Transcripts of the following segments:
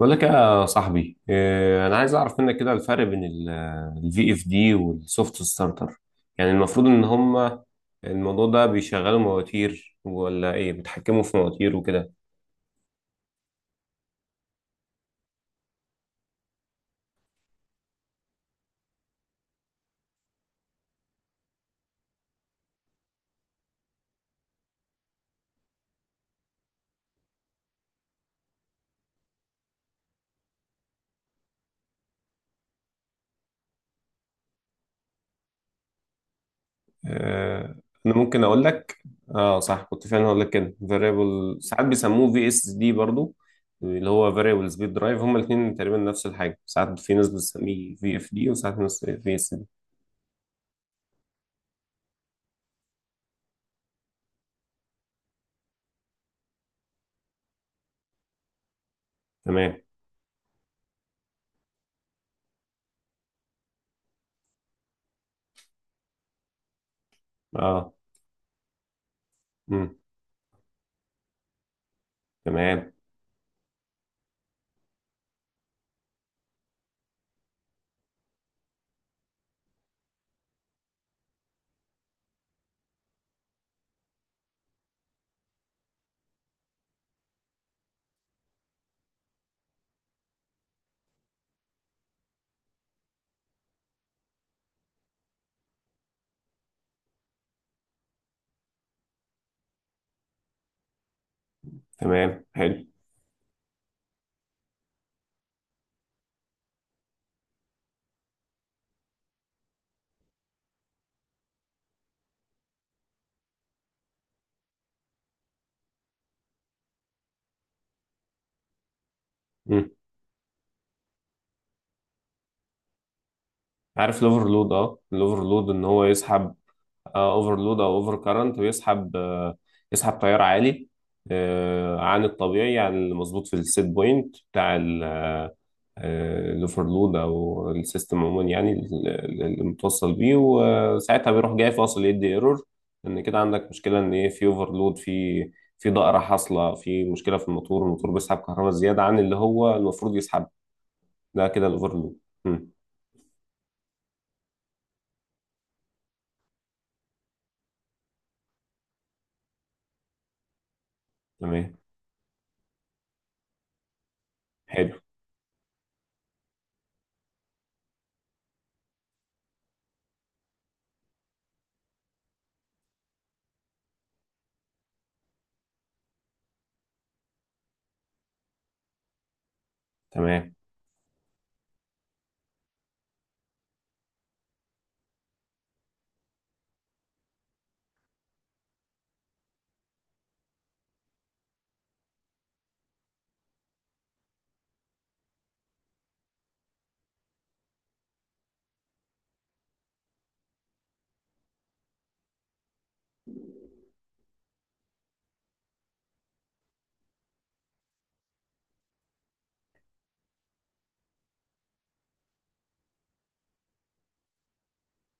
بقول لك يا صاحبي انا عايز اعرف منك كده الفرق بين الفي اف دي والسوفت ستارتر، يعني المفروض ان هما الموضوع ده بيشغلوا مواتير ولا ايه؟ بيتحكموا في مواتير وكده. إيه، انا ممكن اقول لك، اه صح، كنت فعلا هقول لك كده فاريبل، ساعات بيسموه في اس دي برضو، اللي هو فاريبل سبيد درايف. هما الاثنين تقريبا نفس الحاجه، ساعات في ناس بتسميه في اف دي وساعات ناس في اس دي. تمام. اه. امم تمام. تمام حلو. عارف الاوفرلود؟ اه، الاوفرلود ان هو يسحب اوفرلود او اوفر كارنت، ويسحب يسحب تيار عالي عن الطبيعي، عن المظبوط في السيت بوينت بتاع الاوفرلود او السيستم عموما، يعني اللي متوصل بيه، وساعتها بيروح جاي فاصل يدي ايرور، ان كده عندك مشكله، ان ايه في اوفرلود، في ضائره حاصله، في مشكله في الموتور. الموتور بيسحب كهرباء زياده عن اللي هو المفروض يسحب. ده كده الاوفرلود. مم. تمام. حلو. تمام.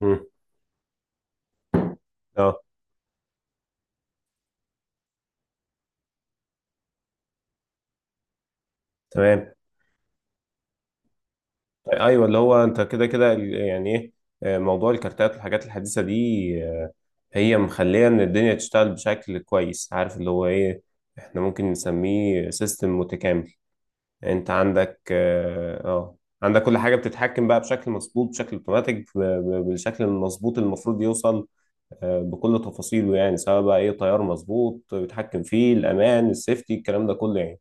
مم. اه. تمام. ايوه، اللي هو انت كده يعني ايه، موضوع الكارتات والحاجات الحديثه دي، آه، هي مخليه ان الدنيا تشتغل بشكل كويس. عارف اللي هو ايه؟ احنا ممكن نسميه سيستم متكامل. انت عندك اه آه، عندك كل حاجه بتتحكم بقى بشكل مظبوط، بشكل اوتوماتيك، بالشكل المظبوط اللي المفروض يوصل، بكل تفاصيله، يعني سواء بقى ايه تيار مظبوط بيتحكم فيه، الامان، السيفتي، الكلام ده كله يعني.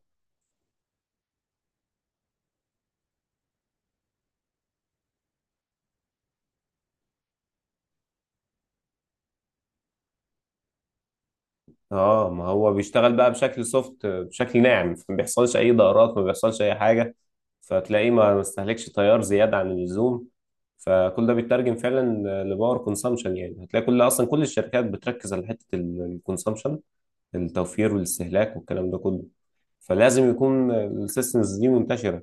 اه، ما هو بيشتغل بقى بشكل سوفت، بشكل ناعم، فما بيحصلش اي ضررات، ما بيحصلش اي حاجه، فتلاقيه ما استهلكش تيار زياده عن اللزوم. فكل ده بيترجم فعلا لباور كونسامشن. يعني هتلاقي كل اصلا كل الشركات بتركز على حته الكونسامشن، التوفير والاستهلاك والكلام ده كله، فلازم يكون السيستمز دي منتشره.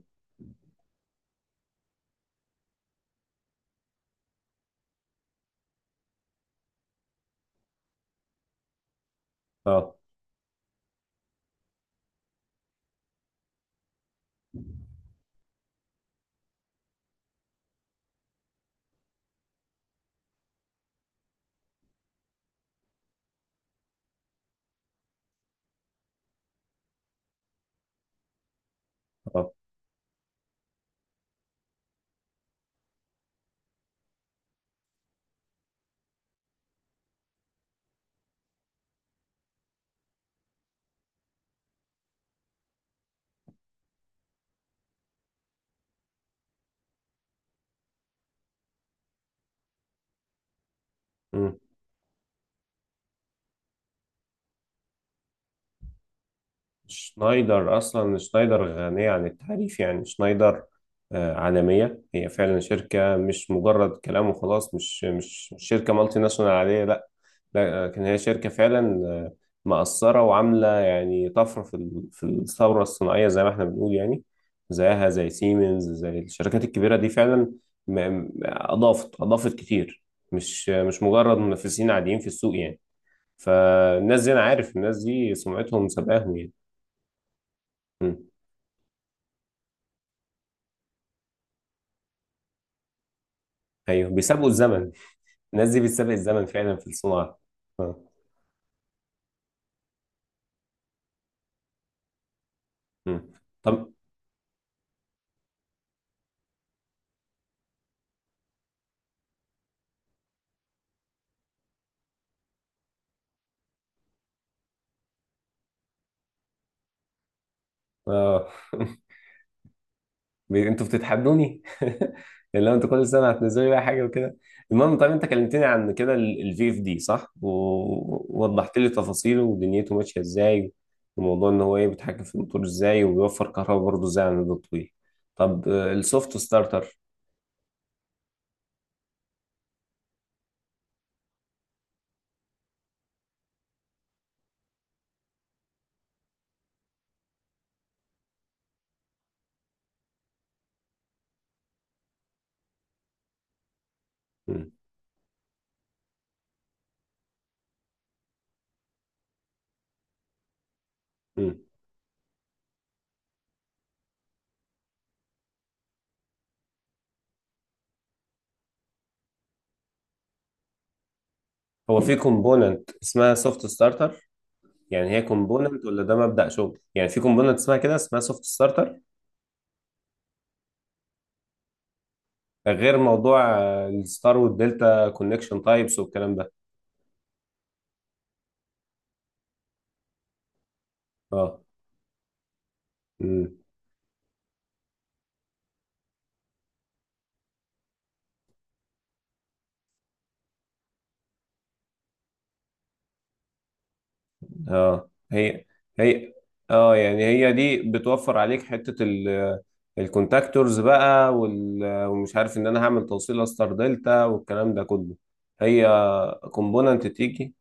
اه، اه، شنايدر أصلا شنايدر غنية عن التعريف. يعني شنايدر عالمية، هي فعلا شركة، مش مجرد كلام وخلاص، مش شركة مالتي ناشونال عادية، لا. لا لكن هي شركة فعلا مأثرة وعاملة يعني طفرة في الثورة الصناعية زي ما احنا بنقول يعني. زيها زي سيمنز، زي الشركات الكبيرة دي فعلا. أضافت كتير. مش مجرد منافسين عاديين في السوق يعني. فالناس دي أنا عارف الناس دي سمعتهم سبقاهم يعني. ايوه، بيسابقوا الزمن. الناس دي بتسابق الزمن فعلا في الصناعه. آه. مم. طب آه. انتوا بتتحدوني. اللي هو انتوا كل سنه هتنزلوا لي بقى حاجه وكده. المهم، طب انت كلمتني عن كده الفي اف دي صح، ووضحت لي تفاصيله، ودنيته ماشيه ازاي، وموضوع ان هو ايه بيتحكم في الموتور ازاي، وبيوفر كهرباء برضه ازاي على المدى الطويل. طب السوفت ستارتر. مم. مم. هو في كومبوننت اسمها سوفت ستارتر، يعني هي كومبوننت ولا ده مبدأ شغل؟ يعني في كومبوننت اسمها كده، اسمها سوفت ستارتر، غير موضوع الستار والدلتا كونكشن تايبس والكلام ده. اه. امم اه. هي. هي. اه، يعني هي دي بتوفر عليك حتة الكونتاكتورز بقى، ومش عارف ان انا هعمل توصيله ستار دلتا والكلام ده كله. هي كومبوننت تيجي.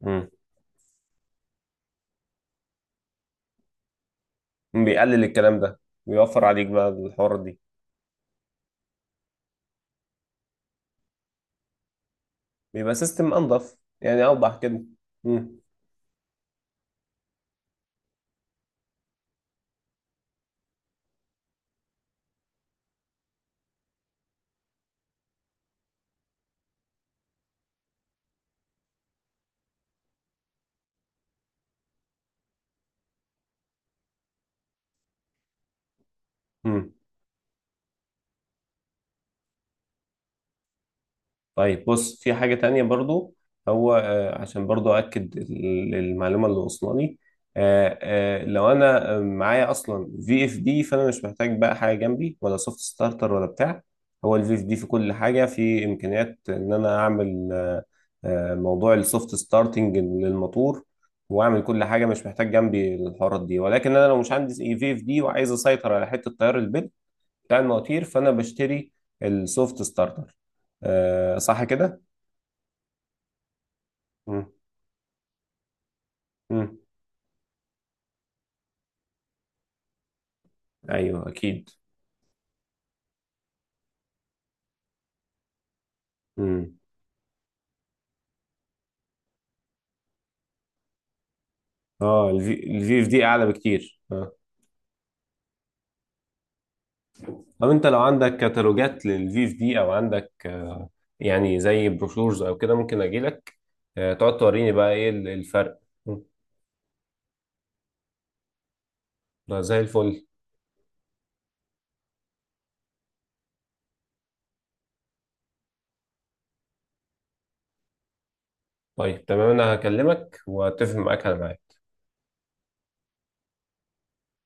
مم. بيقلل الكلام ده، بيوفر عليك بقى الحوارات دي، بيبقى سيستم انضف يعني، اوضح كده. مم. مم. طيب، بص، في حاجة تانية برضو. هو عشان برضو أكد المعلومة اللي وصلنا لي، لو أنا معايا أصلا في اف دي، فأنا مش محتاج بقى حاجة جنبي، ولا سوفت ستارتر ولا بتاع. هو الفي اف دي في كل حاجة، في إمكانيات إن أنا أعمل موضوع السوفت ستارتنج للموتور، وأعمل كل حاجة، مش محتاج جنبي الحوارات دي. ولكن أنا لو مش عندي في اف دي وعايز أسيطر على حتة تيار البدء بتاع المواتير، فانا بشتري السوفت ستارتر. آه صح كده. مم. مم. ايوه اكيد. مم. اه، الفي اف دي اعلى بكتير. اه. طب انت لو عندك كتالوجات للفي اف دي، او عندك آه، يعني زي بروشورز او كده، ممكن اجي لك تقعد توريني بقى ايه الفرق. مم. ده زي الفل. طيب تمام، انا هكلمك واتفق معاك على ميعاد.